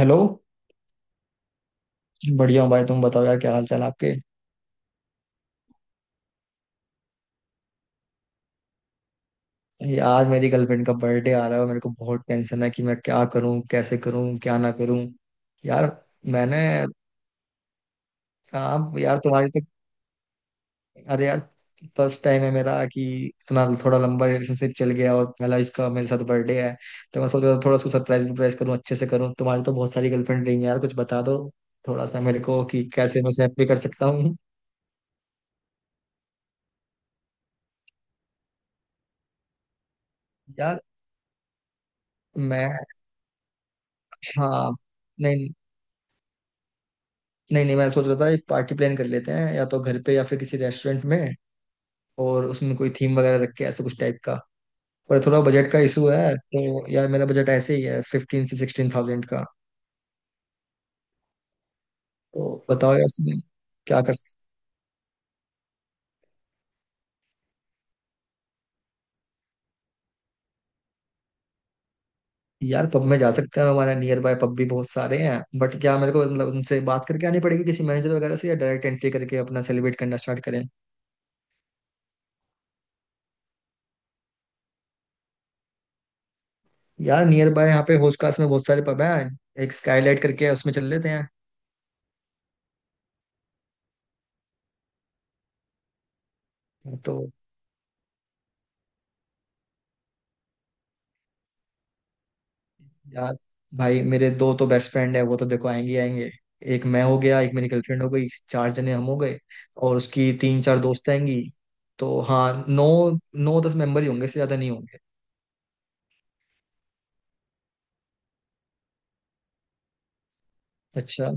Hello. बढ़िया हूँ भाई। तुम बताओ यार, क्या हाल चाल आपके। यार मेरी गर्लफ्रेंड का बर्थडे आ रहा है और मेरे को बहुत टेंशन है कि मैं क्या करूँ, कैसे करूँ, क्या ना करूँ। यार मैंने आप यार तुम्हारी तो अरे यार, फर्स्ट टाइम है मेरा कि इतना थोड़ा लंबा रिलेशनशिप चल गया और पहला इसका मेरे साथ बर्थडे है। तो मैं सोच रहा था थोड़ा उसको सरप्राइज वरप्राइज करूँ, अच्छे से करूँ। तुम्हारी तो बहुत सारी गर्लफ्रेंड रही है यार, कुछ बता दो थोड़ा सा मेरे को कि कैसे मैं उसे हैप्पी कर सकता हूँ। यार मैं हाँ। नहीं। नहीं, नहीं, मैं सोच रहा था एक पार्टी प्लान कर लेते हैं या तो घर पे या फिर किसी रेस्टोरेंट में। और उसमें कोई थीम वगैरह रख के ऐसे कुछ टाइप का। पर थोड़ा बजट का इशू है, तो यार मेरा बजट ऐसे ही है, 15,000 से 16,000 का। तो बताओ यार इसमें क्या कर सकते। यार पब में जा सकते हैं, हमारे नियर बाय पब भी बहुत सारे हैं, बट क्या मेरे को मतलब उनसे बात करके आनी पड़ेगी किसी मैनेजर वगैरह से, या डायरेक्ट एंट्री करके अपना सेलिब्रेट करना स्टार्ट करें। यार नियर बाय यहाँ पे होस्कास में बहुत सारे पब हैं। एक स्काईलाइट करके है, उसमें चल लेते हैं। तो यार भाई, मेरे दो तो बेस्ट फ्रेंड है, वो तो देखो आएंगे ही आएंगे। एक मैं हो गया, एक मेरी गर्लफ्रेंड हो गई, चार जने हम हो गए। और उसकी तीन चार दोस्त आएंगी। तो हाँ, नौ 9-10 मेंबर ही होंगे, इससे ज्यादा नहीं होंगे। अच्छा।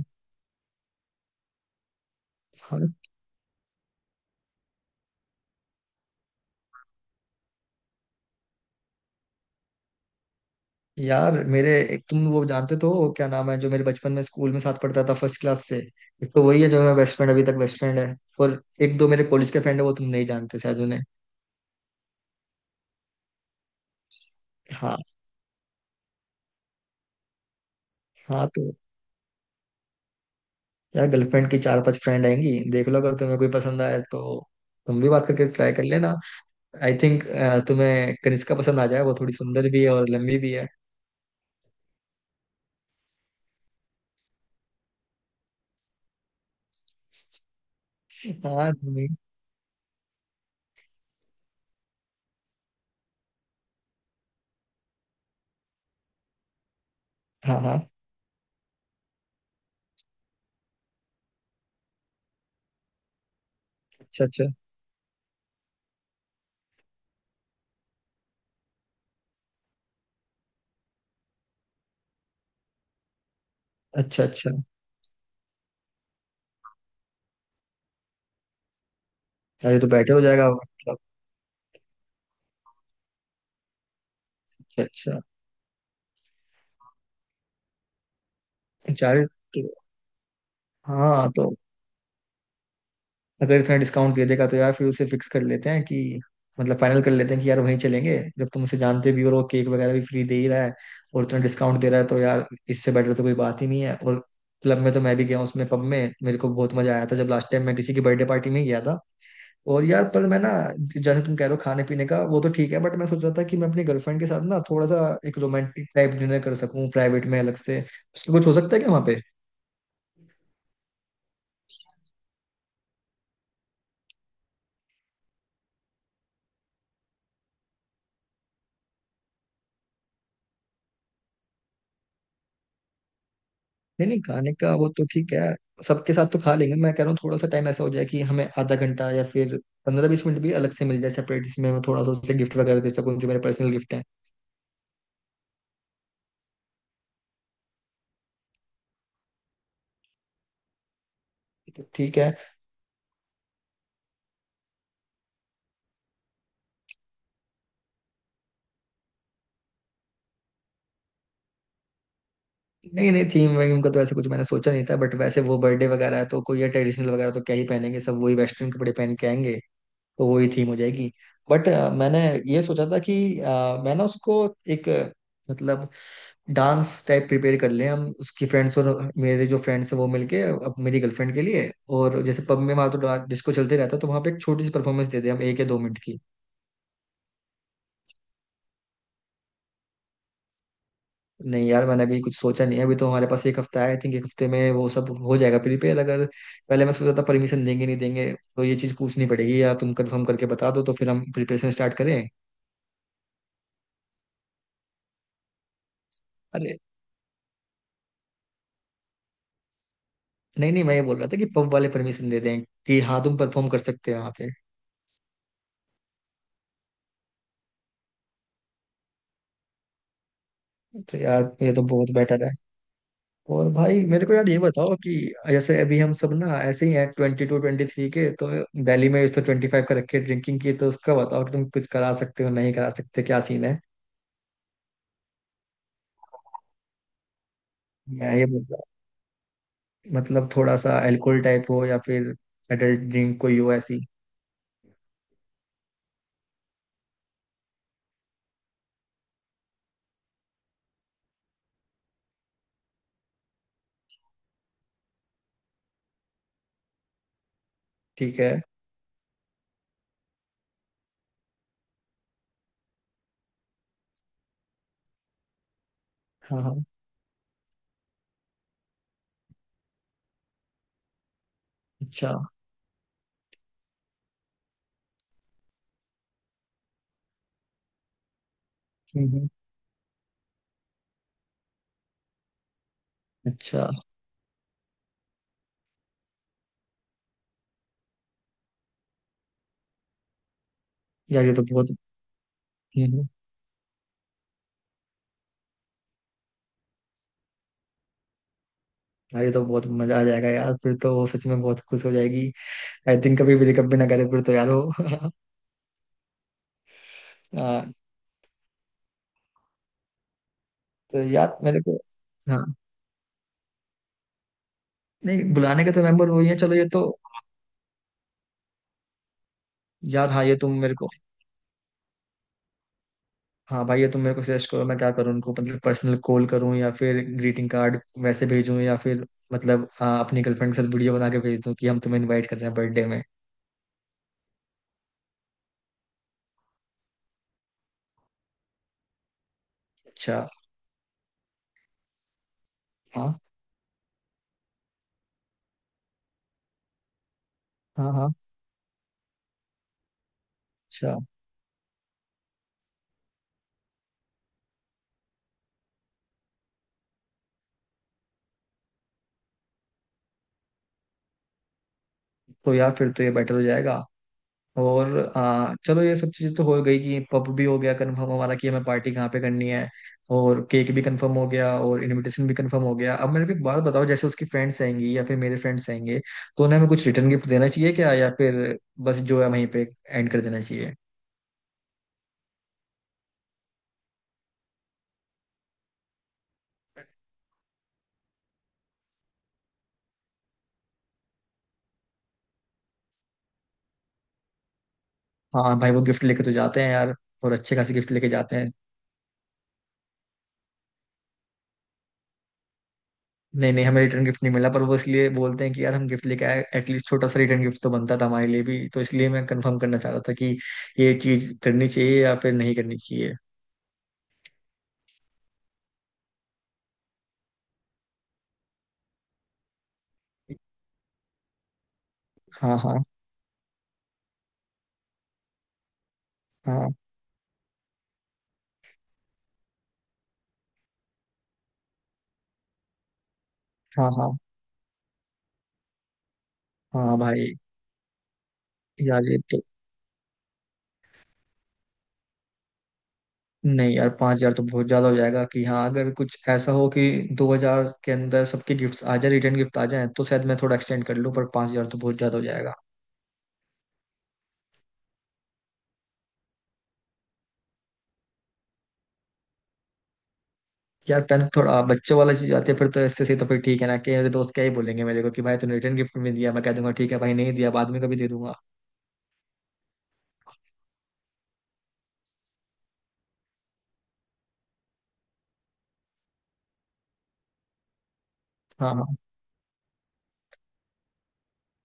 हाँ। यार मेरे, एक तुम वो जानते तो हो, क्या नाम है जो मेरे बचपन में स्कूल में साथ पढ़ता था फर्स्ट क्लास से। एक तो वही है, जो मेरा बेस्ट फ्रेंड अभी तक बेस्ट फ्रेंड है। और एक दो मेरे कॉलेज के फ्रेंड है, वो तुम नहीं जानते शायद उन्हें। हाँ, हाँ। तो यार गर्लफ्रेंड की चार पांच फ्रेंड आएंगी, देख लो अगर तुम्हें कोई पसंद आए तो तुम भी बात करके ट्राई कर लेना। आई थिंक तुम्हें कनिष्का पसंद आ जाए, वो थोड़ी सुंदर भी है और लंबी भी है। हाँ। नहीं। हाँ, हाँ। अच्छा, अच्छा। अच्छा, अच्छा। अरे, तो बेटर हो जाएगा मतलब। अच्छा, अच्छा। चार तो हाँ, तो अगर इतना डिस्काउंट दे देगा तो यार फिर उसे फिक्स कर लेते हैं कि, मतलब फाइनल कर लेते हैं कि यार वहीं चलेंगे, जब तुम उसे जानते भी हो और वो केक वगैरह भी फ्री दे ही रहा है और इतना डिस्काउंट दे रहा है, तो यार इससे बेटर तो कोई बात ही नहीं है। और क्लब में तो मैं भी गया हूँ उसमें, पब में मेरे को बहुत मजा आया था जब लास्ट टाइम मैं किसी की बर्थडे पार्टी में गया था। और यार पर मैं ना, जैसे तुम कह रहे हो खाने पीने का वो तो ठीक है, बट मैं सोच रहा था कि मैं अपनी गर्लफ्रेंड के साथ ना थोड़ा सा एक रोमांटिक टाइप डिनर कर सकूं प्राइवेट में अलग से, उसमें कुछ हो सकता है क्या वहाँ। नहीं, नहीं, खाने का वो तो ठीक है, सबके साथ तो खा लेंगे। मैं कह रहा हूँ थोड़ा सा टाइम ऐसा हो जाए कि हमें आधा घंटा या फिर 15-20 मिनट भी अलग से मिल जाए सेपरेट, जिसमें मैं थोड़ा सा उसे गिफ्ट वगैरह दे सकूँ जो मेरे पर्सनल गिफ्ट हैं। तो ठीक है। नहीं, नहीं, थीम वीम का तो ऐसे कुछ मैंने सोचा नहीं था, बट वैसे वो बर्थडे वगैरह है तो कोई ट्रेडिशनल वगैरह तो क्या ही पहनेंगे, सब वही वेस्टर्न कपड़े पहन के आएंगे। तो वही थीम हो जाएगी। बट मैंने ये सोचा था कि मैं ना उसको एक मतलब डांस टाइप प्रिपेयर कर लें हम, उसकी फ्रेंड्स और मेरे जो फ्रेंड्स हैं वो मिलके, अब मेरी गर्लफ्रेंड के लिए। और जैसे पब में वहाँ तो डिस्को चलते रहता है, तो वहाँ पे एक छोटी सी परफॉर्मेंस दे दें हम, 1 या 2 मिनट की। नहीं यार, मैंने अभी कुछ सोचा नहीं है। अभी तो हमारे पास एक हफ्ता है, आई थिंक एक हफ्ते में वो सब हो जाएगा प्रिपेयर, अगर। पहले मैं सोचा था परमिशन देंगे नहीं देंगे, तो ये चीज़ पूछनी पड़ेगी, या तुम कंफर्म करके बता दो तो फिर हम प्रिपरेशन स्टार्ट करें। अरे नहीं, नहीं, मैं ये बोल रहा था कि पब वाले परमिशन दे दें कि हाँ तुम परफॉर्म कर सकते हो वहाँ पे। तो यार ये तो बहुत बेटर है। और भाई मेरे को यार ये बताओ कि जैसे अभी हम सब ना ऐसे ही हैं, 22-23 के तो, दिल्ली में इस तो 25 का रखे ड्रिंकिंग की, तो उसका बताओ कि तुम कुछ करा सकते हो नहीं करा सकते, क्या सीन है। मैं ये बोल रहा मतलब थोड़ा सा अल्कोहल टाइप हो या फिर एडल्ट ड्रिंक कोई हो ऐसी। ठीक है। हाँ, हाँ। अच्छा। हम्म, हम्म। अच्छा। यार ये तो बहुत हम्म, हम्म। यार ये तो बहुत मजा आ जाएगा यार, फिर तो वो सच में बहुत खुश हो जाएगी। आई थिंक कभी ब्रेकअप भी कभी ना करे फिर तो यार वो हाँ। तो यार मेरे को हाँ। नहीं, बुलाने का तो मेंबर वही है, चलो ये तो। यार हाँ ये तुम मेरे को हाँ भाई, ये तुम मेरे को सजेस्ट करो, मैं क्या करूँ उनको, मतलब पर्सनल कॉल करूँ या फिर ग्रीटिंग कार्ड वैसे भेजूँ या फिर मतलब हाँ, अपनी गर्लफ्रेंड के साथ वीडियो बना के भेज दूँ कि हम तुम्हें इनवाइट कर रहे हैं बर्थडे में। अच्छा। हाँ, हाँ, हाँ। अच्छा। तो यार फिर तो ये बेटर हो जाएगा। और चलो ये सब चीज़ तो हो गई कि पब भी हो गया कंफर्म हमारा, कि हमें पार्टी कहाँ पे करनी है। और केक भी कंफर्म हो गया और इनविटेशन भी कंफर्म हो गया। अब मेरे को एक बात बताओ, जैसे उसकी फ्रेंड्स आएंगी या फिर मेरे फ्रेंड्स आएंगे, तो उन्हें हमें कुछ रिटर्न गिफ्ट देना चाहिए क्या, या फिर बस जो है वहीं पे एंड कर देना चाहिए। हाँ भाई, वो गिफ्ट लेके तो जाते हैं यार, और अच्छे खासे गिफ्ट लेके जाते हैं। नहीं, नहीं, हमें रिटर्न गिफ्ट नहीं मिला, पर वो इसलिए बोलते हैं कि यार हम गिफ्ट लेके आए, एटलीस्ट छोटा सा रिटर्न गिफ्ट तो बनता था हमारे लिए भी, तो इसलिए मैं कंफर्म करना चाह रहा था कि ये चीज करनी चाहिए या फिर नहीं करनी चाहिए। हाँ, हाँ। हाँ, हाँ। हाँ, हाँ भाई। यार ये तो नहीं यार, 5,000 तो बहुत ज्यादा हो जाएगा, कि हाँ अगर कुछ ऐसा हो कि 2,000 के अंदर सबके गिफ्ट्स आ जाए, रिटर्न गिफ्ट आ जाए, तो शायद मैं थोड़ा एक्सटेंड कर लूँ, पर 5,000 तो बहुत ज्यादा हो जाएगा। यार 10th थोड़ा बच्चों वाला चीज आती है फिर तो, इससे सही तो फिर ठीक है ना, कि मेरे दोस्त क्या ही बोलेंगे मेरे को कि भाई तूने रिटर्न गिफ्ट में दिया, मैं कह दूंगा ठीक है भाई नहीं दिया, बाद में कभी दे दूंगा। हाँ, हाँ।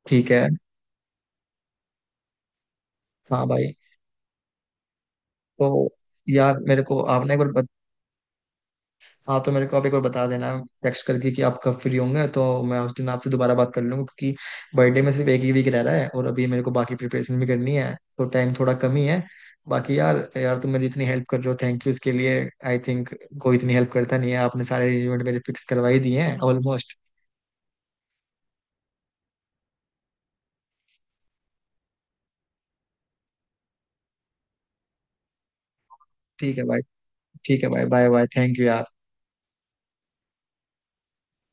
ठीक है। हाँ भाई। तो यार मेरे को आपने एक बार हाँ, तो मेरे को आप एक बार बता देना टेक्स्ट करके कि आप कब फ्री होंगे, तो मैं उस दिन आपसे दोबारा बात कर लूंगा, क्योंकि बर्थडे में सिर्फ एक ही वीक रह रहा है और अभी मेरे को बाकी प्रिपरेशन भी करनी है तो टाइम थोड़ा कम ही है। बाकी यार यार, तुम मेरी इतनी हेल्प कर रहे हो, थैंक यू इसके लिए। आई थिंक कोई इतनी हेल्प करता नहीं है, आपने सारे अरेंजमेंट मेरे फिक्स करवा ही दिए हैं ऑलमोस्ट। ठीक है भाई। ठीक है भाई। Bye bye. थैंक यू यार।